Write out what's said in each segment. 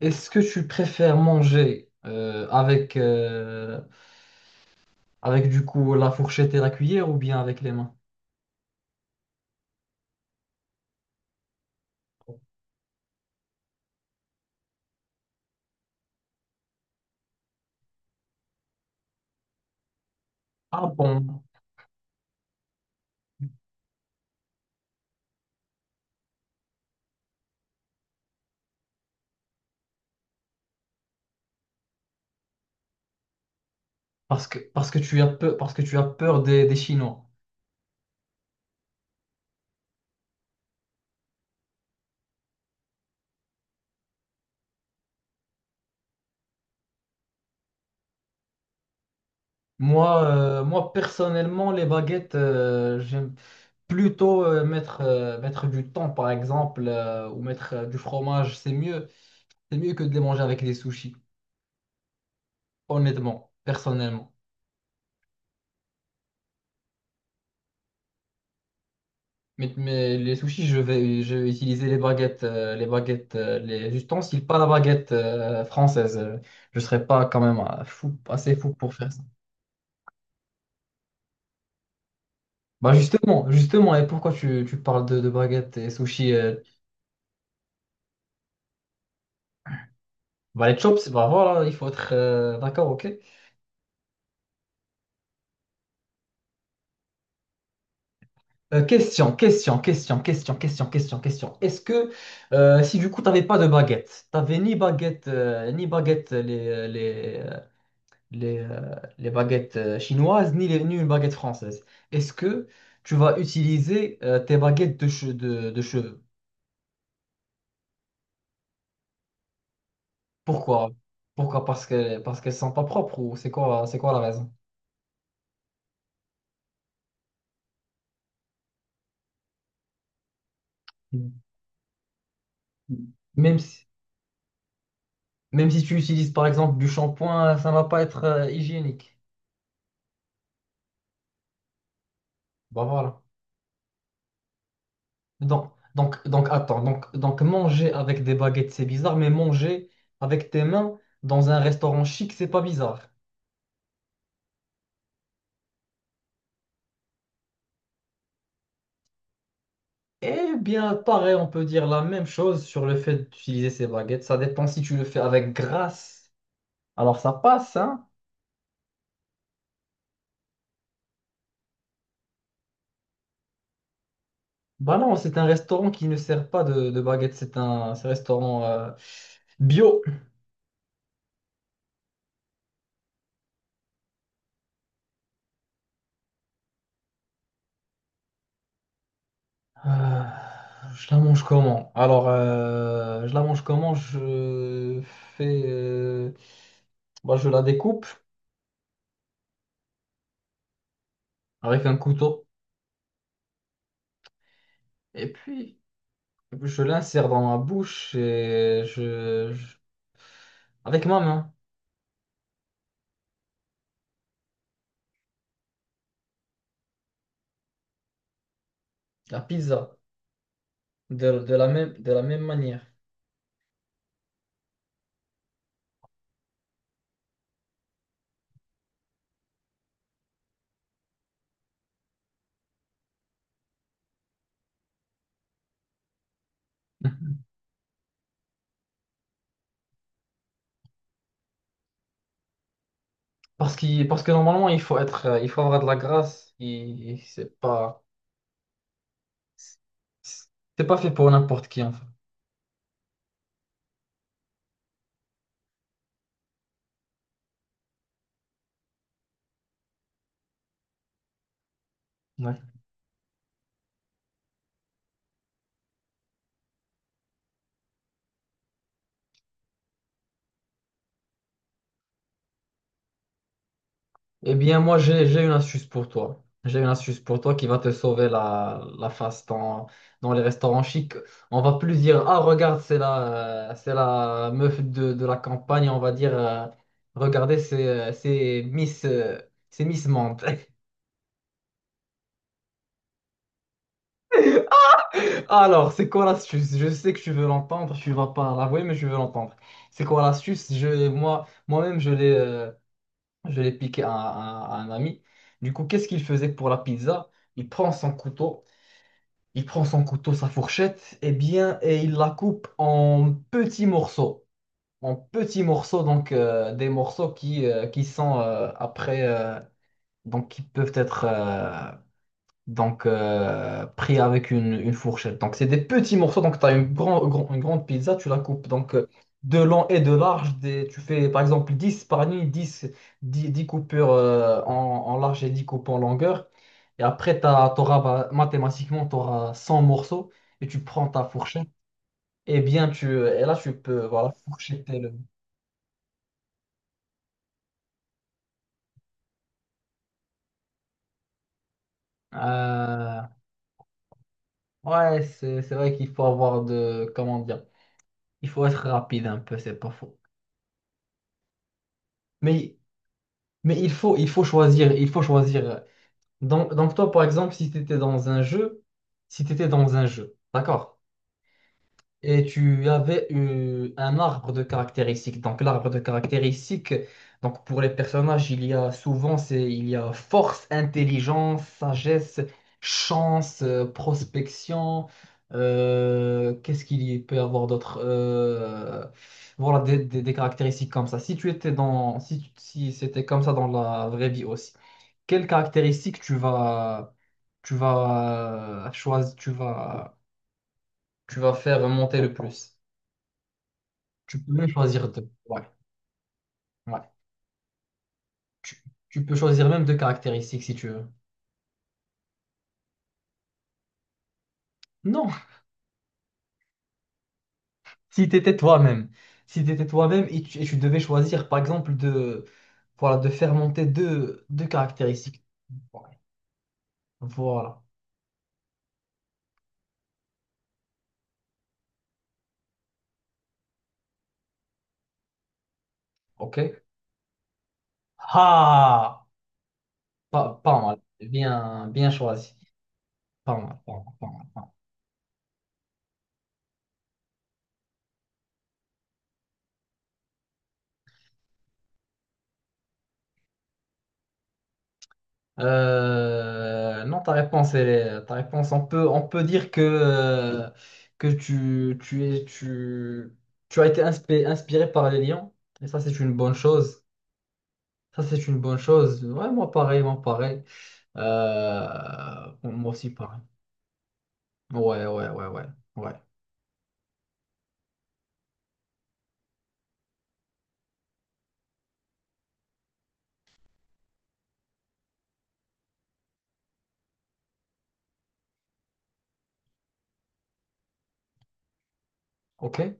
Est-ce que tu préfères manger avec, avec du coup la fourchette et la cuillère ou bien avec les mains? Ah bon? Parce que tu as peur, parce que tu as peur des Chinois. Moi, moi personnellement, les baguettes, j'aime plutôt mettre, mettre du thon par exemple, ou mettre du fromage. C'est mieux que de les manger avec des sushis, honnêtement, personnellement. Mais les sushis, je vais utiliser les baguettes, les baguettes, les ustensiles, pas la baguette française. Je serais pas quand même fou, assez fou pour faire ça. Bah justement, justement, et pourquoi tu parles de baguettes et sushis? Bah les chops, bah voilà, il faut être, d'accord, ok. Question, question, question, question, question, question, question. Est-ce que si du coup t'avais pas de baguette, t'avais ni baguette, ni baguette les baguettes chinoises, ni les, ni une baguette française. Est-ce que tu vas utiliser tes baguettes de cheveux? Pourquoi? Pourquoi? Parce que, parce qu'elles sont pas propres ou c'est quoi la raison? Même si, même si tu utilises par exemple du shampoing, ça va pas être hygiénique. Bah voilà. Donc, attends, donc manger avec des baguettes, c'est bizarre, mais manger avec tes mains dans un restaurant chic, c'est pas bizarre. Eh bien, pareil, on peut dire la même chose sur le fait d'utiliser ces baguettes. Ça dépend si tu le fais avec grâce. Alors ça passe, hein? Bah non, c'est un restaurant qui ne sert pas de baguettes. C'est un restaurant bio. Euh, je la mange comment? Alors, je la mange comment? Je fais, bah, je la découpe avec un couteau et puis je l'insère dans ma bouche et avec ma main, la pizza. De la même manière. Parce que normalement, il faut être, il faut avoir de la grâce. C'est pas fait pour n'importe qui, en fait. Ouais. Eh bien, moi, j'ai une astuce pour toi. J'ai une astuce pour toi qui va te sauver la face dans les restaurants chics. On va plus dire, ah, regarde, c'est la meuf de la campagne. On va dire, regardez, c'est Miss, c'est Miss Mante. Alors, c'est quoi l'astuce? Je sais que tu veux l'entendre, tu vas pas l'avouer, mais je veux l'entendre. C'est quoi l'astuce? Moi, moi-même, je l'ai piqué à un ami. Du coup, qu'est-ce qu'il faisait pour la pizza? Il prend son couteau, il prend son couteau, sa fourchette, et bien, et il la coupe en petits morceaux, donc des morceaux qui sont après, donc qui peuvent être pris avec une fourchette. Donc c'est des petits morceaux, donc tu as une grande pizza, tu la coupes donc de long et de large, tu fais par exemple 10 par nuit, dix coupures en large et 10 coupes en longueur. Et après, t'auras, bah, mathématiquement, tu auras 100 morceaux et tu prends ta fourchette. Et bien, et là, tu peux, voilà, fourchetter le... Euh, ouais, c'est vrai qu'il faut avoir de, comment dire, il faut être rapide un peu, c'est pas faux. Mais Mais il faut choisir, il faut choisir. Donc, toi, par exemple, si tu étais dans un jeu, si tu étais dans un jeu, d'accord, et tu avais eu un arbre de caractéristiques. Donc l'arbre de caractéristiques, donc pour les personnages, il y a souvent, c'est, il y a force, intelligence, sagesse, chance, prospection. Qu'est-ce qu'il y peut y avoir d'autre? Voilà, des caractéristiques comme ça. Si tu étais dans, si, si c'était comme ça dans la vraie vie aussi quelles caractéristiques tu vas choisir, tu vas faire monter le plus. Tu peux même choisir deux. Ouais, ouais. Tu, tu peux choisir même deux caractéristiques si tu veux. Non, si tu étais toi-même. Si tu étais toi-même et tu devais choisir, par exemple, de, voilà, de faire monter deux caractéristiques. Ouais. Voilà. OK. Ah! Pas mal. Bien, bien choisi. Pas mal, pas mal, pas mal. Non, ta réponse, on peut dire que tu as été inspiré par les lions. Et ça, c'est une bonne chose. Ça, c'est une bonne chose. Ouais, moi, pareil, moi, pareil. Bon, moi aussi, pareil. Ouais, ouais, ouais, ouais. Ouais. OK.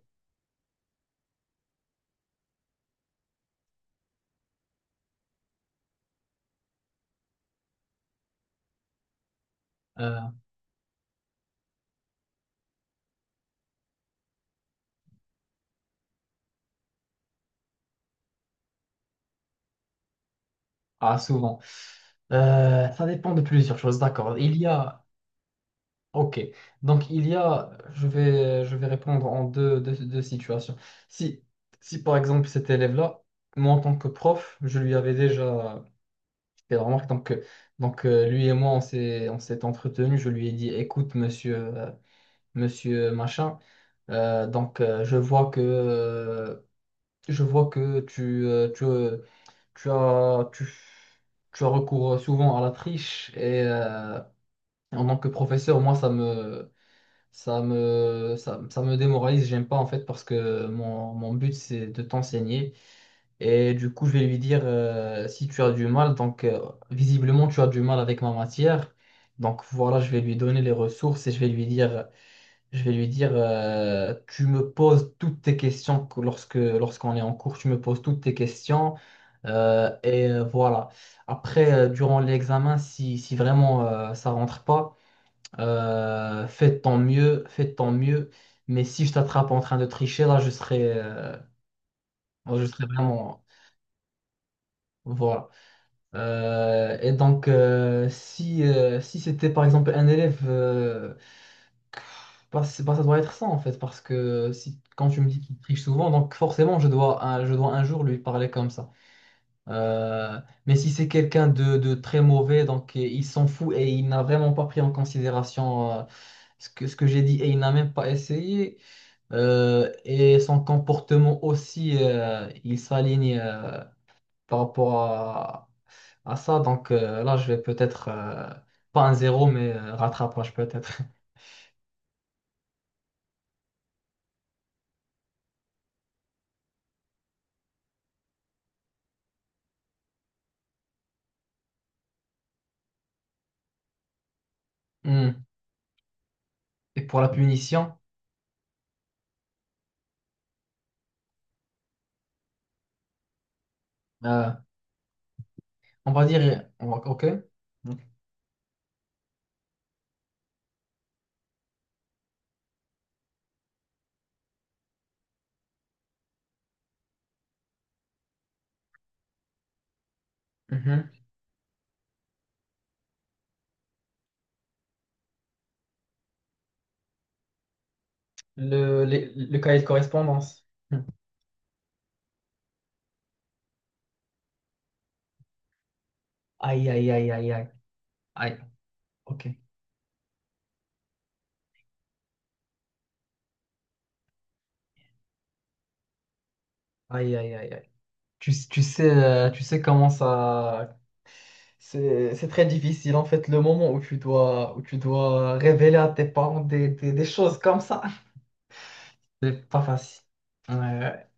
Euh, ah, souvent. Ça dépend de plusieurs choses, d'accord. Il y a, Ok, donc il y a, je vais répondre en deux situations. Si, si par exemple cet élève-là, moi en tant que prof, je lui avais déjà fait la remarque, donc, lui et moi on s'est entretenu, je lui ai dit, écoute monsieur, monsieur machin, euh, donc euh, je vois que, euh, je vois que tu as, tu, tu as recours souvent à la triche et en tant que professeur, moi ça me démoralise, j'aime pas en fait parce que mon but c'est de t'enseigner et du coup je vais lui dire si tu as du mal, visiblement tu as du mal avec ma matière, donc voilà je vais lui donner les ressources et je vais lui dire tu me poses toutes tes questions lorsque, lorsqu'on est en cours, tu me poses toutes tes questions voilà. Après durant l'examen si vraiment ça rentre pas, fais de ton mieux, fais de ton mieux. Mais si je t'attrape en train de tricher, là, je serai vraiment. Voilà. Et donc, si c'était par exemple un élève, bah, bah, ça doit être ça en fait, parce que si, quand tu me dis qu'il triche souvent, donc forcément, je dois un jour lui parler comme ça. Euh, mais si c'est quelqu'un de très mauvais, donc et il s'en fout et il n'a vraiment pas pris en considération ce que j'ai dit et il n'a même pas essayé. Et son comportement aussi, il s'aligne par rapport à ça. Donc là, je vais peut-être, pas un zéro, mais rattrapage peut-être. Hmm. Et pour la punition, euh, on va dire, on va- OK. Mhm. Le cahier de correspondance. Hmm. Aïe, aïe, aïe, aïe, aïe. Aïe, OK. Aïe, aïe, aïe, aïe. Tu sais, tu sais comment ça... C'est très difficile en fait le moment où tu dois révéler à tes parents des choses comme ça. C'est pas facile. Ouais,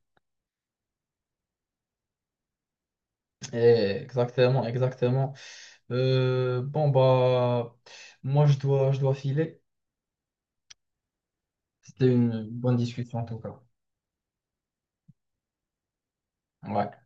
exactement, exactement. Bon bah moi je dois filer. C'était une bonne discussion en tout cas. Ouais.